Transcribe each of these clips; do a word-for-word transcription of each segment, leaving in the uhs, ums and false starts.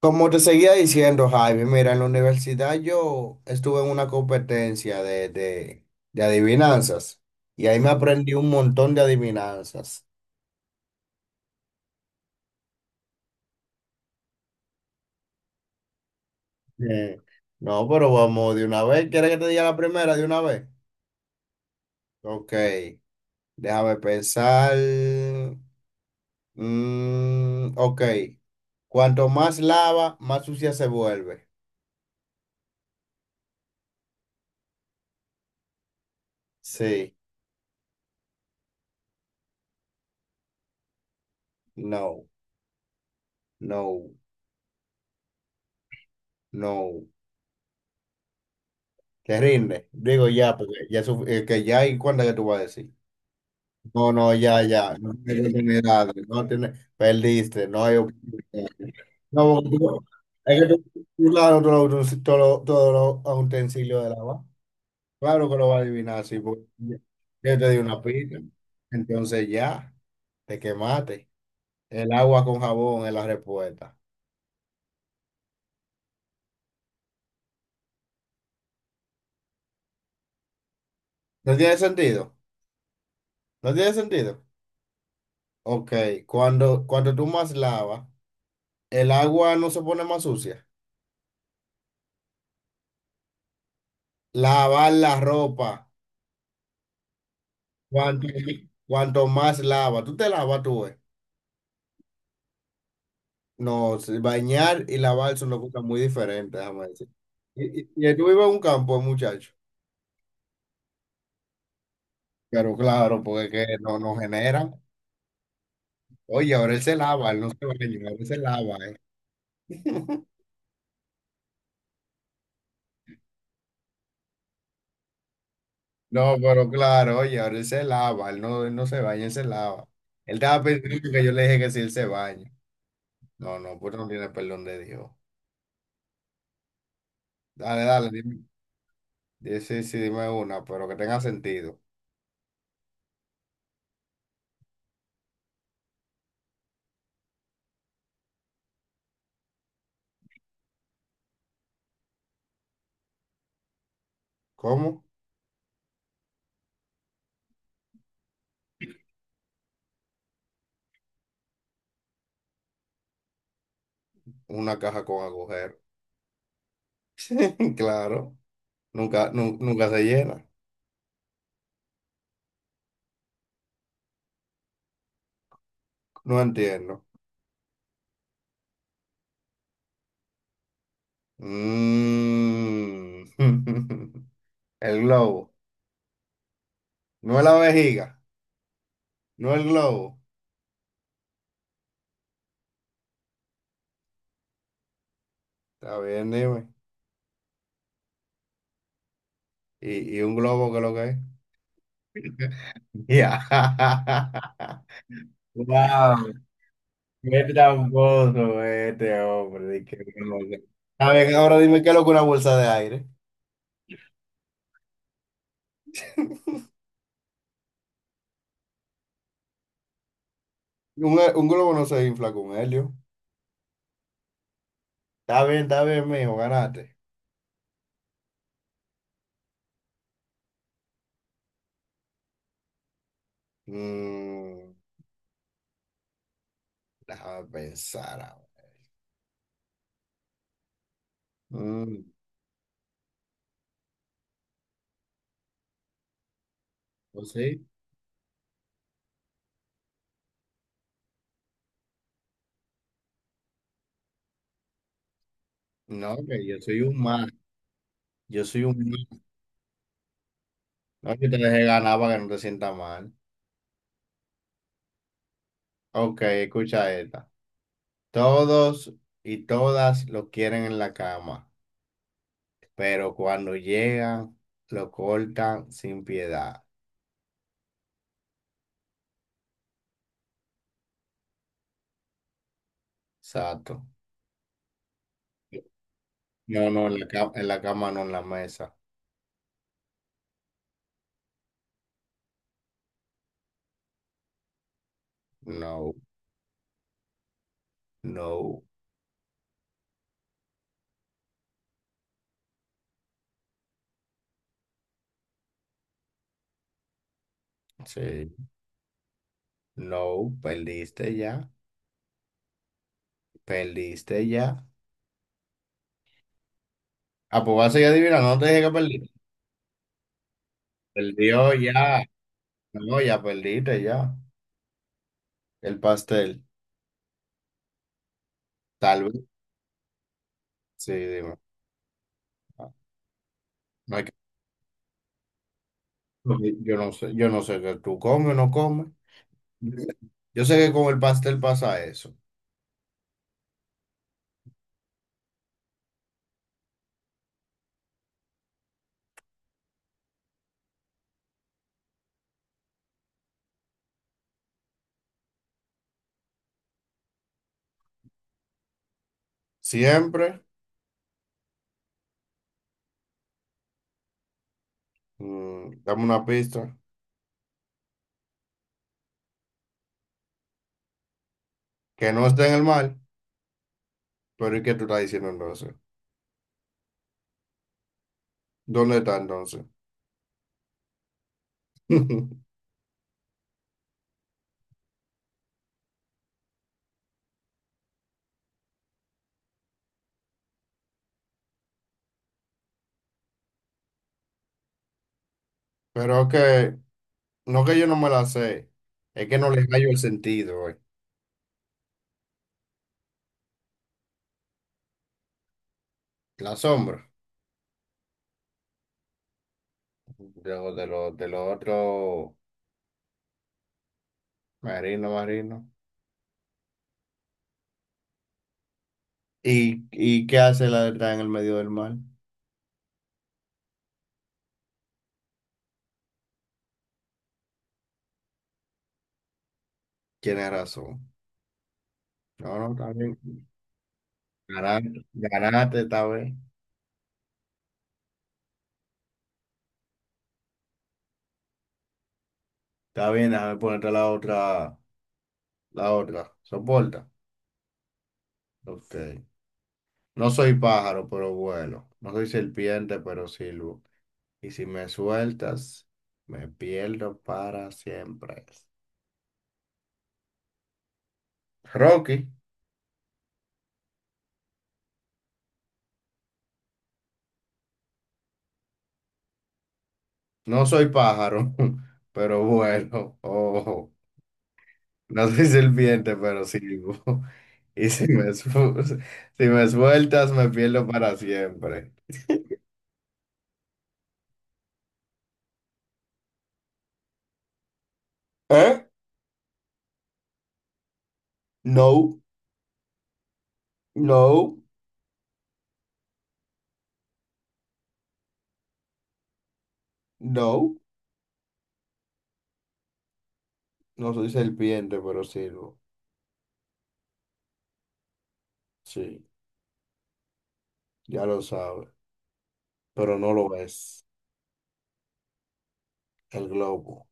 Como te seguía diciendo, Jaime, mira, en la universidad yo estuve en una competencia de, de, de adivinanzas y ahí me aprendí un montón de adivinanzas. Eh, No, pero vamos de una vez. ¿Quieres que te diga la primera de una vez? Ok, déjame pensar. Mm, ok, cuanto más lava, más sucia se vuelve. Sí, no, no, no. Te rinde. Digo ya, porque ya, su- eh, que ya y cuándo que tú vas a decir. No, no, ya, ya. No hay oportunidades. No tiene, perdiste, no hay oportunidades. No, porque tú... es que tú, tú, claro, todos los todo, todo los utensilios del agua. Claro que lo va a adivinar, sí, porque yo te di una pista. Entonces ya, te quemaste. El agua con jabón es la respuesta. ¿No tiene sentido? ¿No tiene sentido? Ok, cuando, cuando tú más lavas, el agua no se pone más sucia. Lavar la ropa. Cuanto, cuanto más lava, tú te lavas tú, eh. No, sí, bañar y lavar son dos cosas muy diferentes, déjame decir. Y, y, y tú vives en un campo, muchacho. Pero claro, porque es que no, no generan. Oye, ahora él se lava, él no se baña, ahora él se lava, eh. No, pero claro, oye, ahora él se lava, él no, él no se baña, él se lava. Él estaba pensando que yo le dije que si él se baña. No, no, pues no tiene perdón de Dios. Dale, dale, dime. Sí, sí, sí, dime una, pero que tenga sentido. ¿Cómo? Una caja con agujeros. Claro, nunca, nu- nunca se llena. No entiendo. Mm. El globo. No es la vejiga. No el globo. Está bien, dime. ¿Y, y un globo qué es lo que es? Ya. Wow. Qué tramposo este hombre. Di que no sé. Está bien, ahora dime qué es lo que una bolsa de aire. Un, eh, un globo no se infla con helio. Está bien, está bien, mijo, ganaste. Mm, déjame pensar ahora. Mm. Yo sí, no, que yo soy un mal, yo soy un mal. No, yo te dejé ganar para que no te sientas mal. Ok, escucha esta. Todos y todas lo quieren en la cama, pero cuando llegan, lo cortan sin piedad. Exacto. No, no, en la cama, en la cama, no en la mesa. No, no, sí, no, perdiste ya, perdiste ya. Ah, pues vas a seguir adivinando, no te dije que perdiste. Perdió ya, no, ya perdiste ya. El pastel, tal vez. Sí, digo, no, no hay que... yo no sé, yo no sé que tú comes o no comes. Yo sé que con el pastel pasa eso. Siempre, mm, dame una pista, que no esté en el mal, pero ¿y qué tú estás diciendo entonces? ¿Dónde está entonces? Pero que, no que yo no me la sé, es que no le hallo el sentido, güey. La sombra de lo, de lo, de lo otro marino, marino. ¿Y, y qué hace la de estar en el medio del mar? Tienes razón. No, no, está bien. Ganaste, ganaste esta vez. Está bien, déjame ponerte la otra, la otra. ¿Soporta? Ok. No soy pájaro, pero vuelo. No soy serpiente, pero silbo. Y si me sueltas, me pierdo para siempre. Rocky, no soy pájaro, pero vuelo. Ojo. No soy serpiente, pero silbo. Y si me, su- si me sueltas, me pierdo para siempre. ¿Eh? No, no, no. No soy serpiente, pero sirvo. Sí, ya lo sabe. Pero no lo ves. El globo.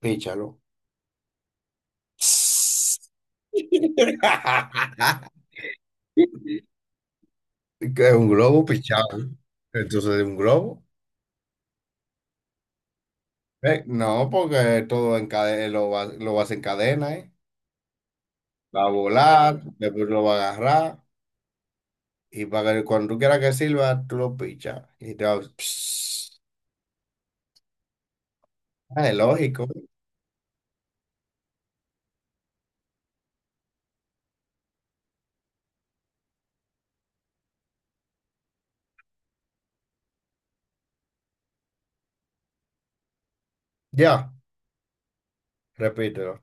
Píchalo. ¿Qué es un globo pichado? Entonces, ¿es ¿un globo? Eh, no, porque todo en cadena, lo va, lo vas en cadena, ¿eh? Va a volar, después lo va a agarrar. Y para que cuando tú quieras que sirva, tú lo pichas. Y te va... Ah, es lógico. Ya, repítelo.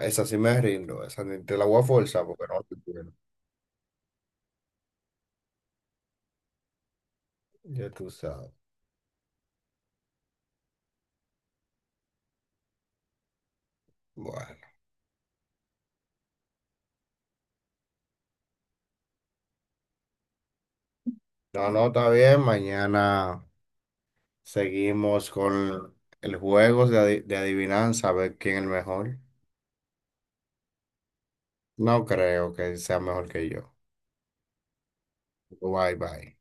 Esa sí me rindo, esa ni- te la voy a forzar porque no te quiero. Ya tú sabes. Bueno, no, no, está bien. Mañana seguimos con el juego de, adi- de adivinanza, a ver quién es el mejor. No creo que sea mejor que yo. Bye, bye.